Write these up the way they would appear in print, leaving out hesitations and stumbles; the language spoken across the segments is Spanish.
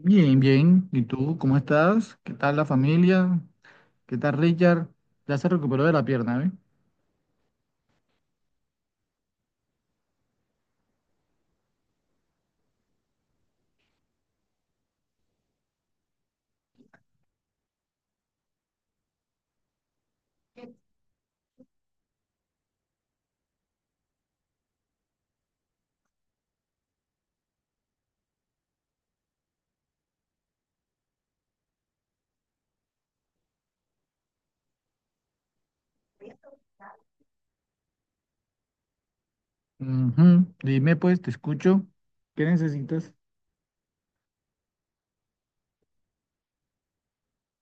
Bien, bien. ¿Y tú cómo estás? ¿Qué tal la familia? ¿Qué tal Richard? Ya se recuperó de la pierna, ¿eh? Ujú. Dime pues, te escucho. ¿Qué necesitas?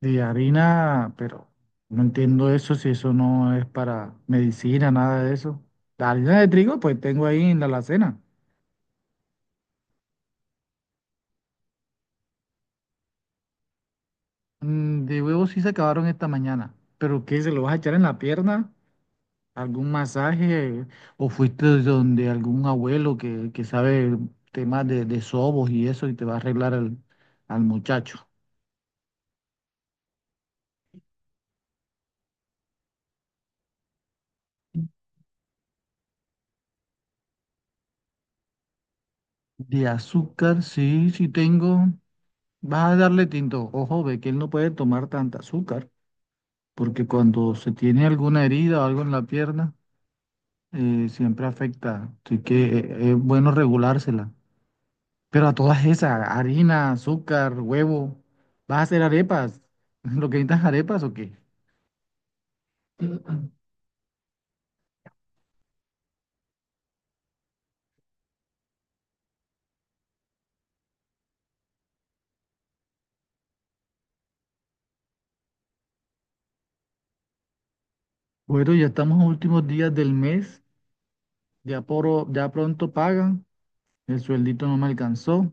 De harina, pero no entiendo eso, si eso no es para medicina, nada de eso. La harina de trigo, pues tengo ahí en la alacena. Mm, de huevos sí se acabaron esta mañana. ¿Pero qué? ¿Se lo vas a echar en la pierna? Algún masaje o fuiste donde algún abuelo que sabe temas de sobos y eso y te va a arreglar al muchacho. De azúcar, sí, sí tengo. Vas a darle tinto. Ojo, ve que él no puede tomar tanta azúcar, porque cuando se tiene alguna herida o algo en la pierna, siempre afecta. Así que es bueno regulársela. Pero a todas esas, harina, azúcar, huevo, ¿vas a hacer arepas? ¿Lo que necesitas arepas o qué? Bueno, ya estamos a últimos días del mes, ya, ya pronto pagan, el sueldito no me alcanzó.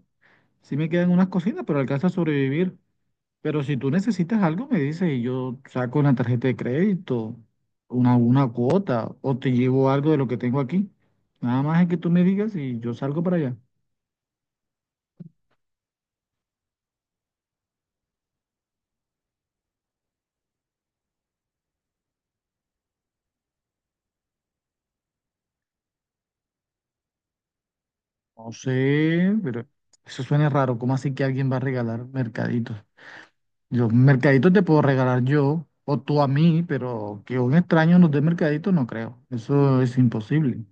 Sí me quedan unas cositas, pero alcanza a sobrevivir. Pero si tú necesitas algo, me dices y yo saco una tarjeta de crédito, una cuota, o te llevo algo de lo que tengo aquí. Nada más es que tú me digas y yo salgo para allá. No sé, pero eso suena raro. ¿Cómo así que alguien va a regalar mercaditos? Yo, mercadito te puedo regalar yo o tú a mí, pero que un extraño nos dé mercadito no creo. Eso es imposible.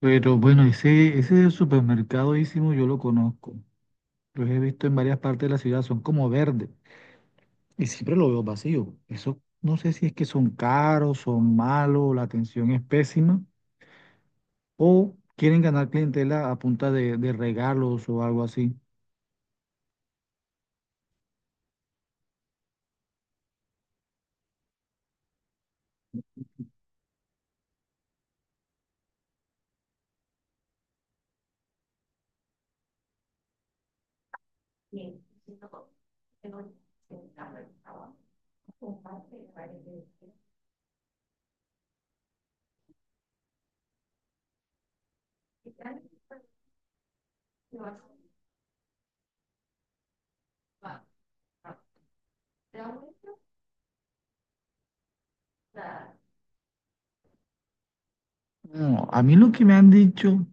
Pero bueno, ese supermercadísimo yo lo conozco. Los he visto en varias partes de la ciudad, son como verdes y siempre lo veo vacío. Eso no sé si es que son caros, son malos, la atención es pésima o quieren ganar clientela a punta de regalos o algo así. No, a mí lo que me han dicho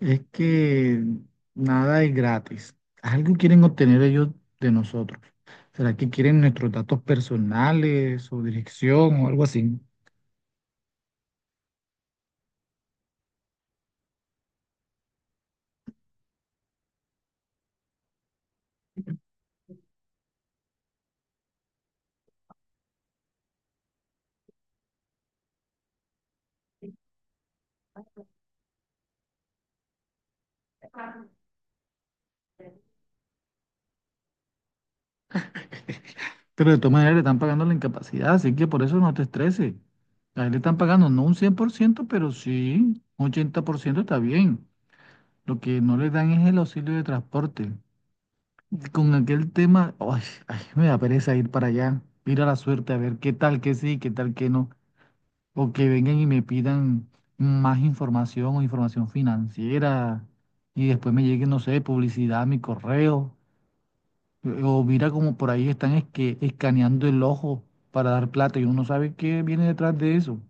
es que nada es gratis. Algo quieren obtener ellos de nosotros. ¿Será que quieren nuestros datos personales o dirección o algo así? Pero de todas maneras le están pagando la incapacidad, así que por eso no te estreses. A él le están pagando no un 100%, pero sí un 80% está bien. Lo que no le dan es el auxilio de transporte. Con aquel tema, ay, ay, me da pereza ir para allá, ir a la suerte a ver qué tal que sí, qué tal que no. O que vengan y me pidan más información o información financiera y después me llegue, no sé, publicidad a mi correo. O mira como por ahí están es que escaneando el ojo para dar plata y uno no sabe qué viene detrás de eso.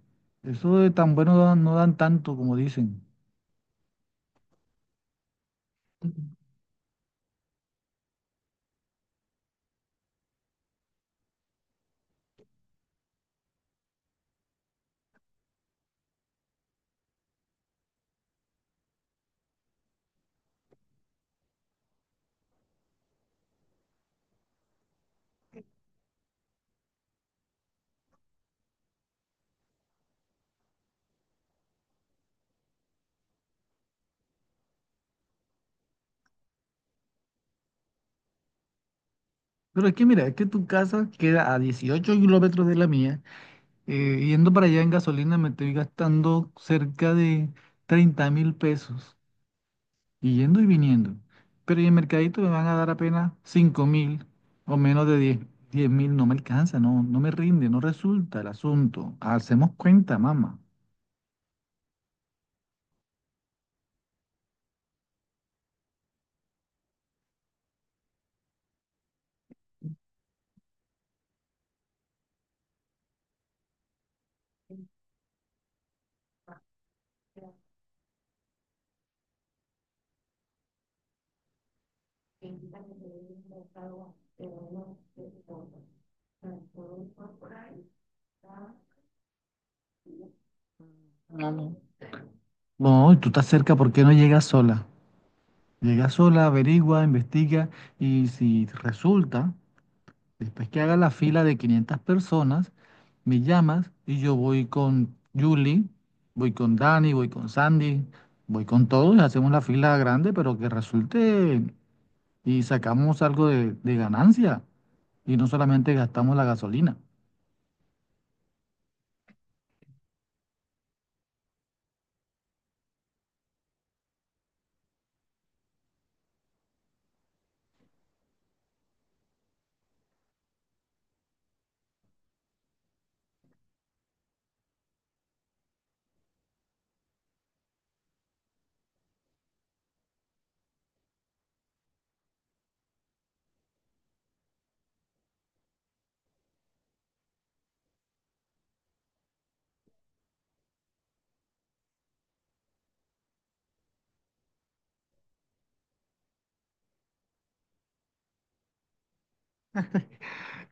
Eso de tan bueno no dan tanto como dicen. Pero es que mira, es que tu casa queda a 18 kilómetros de la mía. Yendo para allá en gasolina me estoy gastando cerca de 30.000 pesos. Y yendo y viniendo. Pero y en el mercadito me van a dar apenas 5.000 o menos de diez mil, no me alcanza, no, no me rinde, no resulta el asunto. Hacemos cuenta, mamá. No, y tú estás cerca, ¿por qué no llegas sola? Llega sola, averigua, investiga y si resulta, después que haga la fila de 500 personas, me llamas y yo voy con Julie, voy con Dani, voy con Sandy, voy con todos, hacemos la fila grande, pero que resulte y sacamos algo de ganancia y no solamente gastamos la gasolina.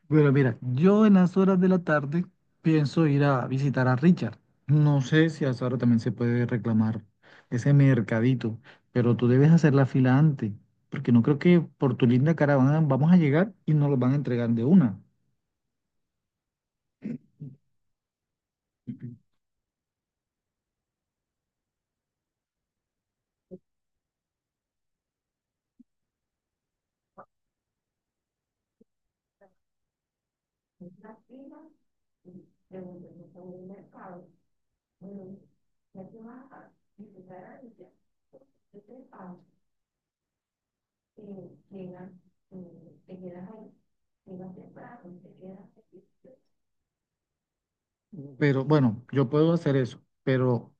Pero mira, yo en las horas de la tarde pienso ir a visitar a Richard. No sé si a esa hora también se puede reclamar ese mercadito, pero tú debes hacer la fila antes, porque no creo que por tu linda caravana vamos a llegar y nos lo van a entregar de una. Pero bueno, yo puedo hacer eso, pero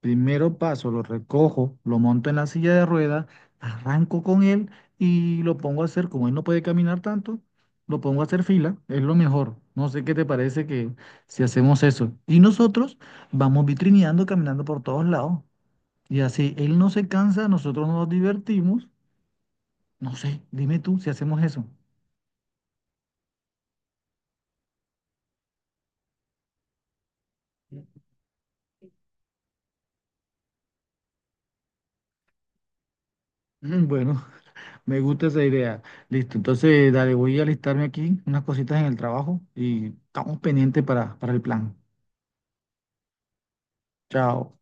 primero paso, lo recojo, lo monto en la silla de ruedas, arranco con él y lo pongo a hacer, como él no puede caminar tanto, lo pongo a hacer fila, es lo mejor. No sé qué te parece que si hacemos eso. Y nosotros vamos vitrineando, caminando por todos lados. Y así él no se cansa, nosotros nos divertimos. No sé, dime tú si hacemos eso. Mm, bueno, me gusta esa idea. Listo, entonces dale, voy a alistarme aquí unas cositas en el trabajo y estamos pendientes para el plan. Chao.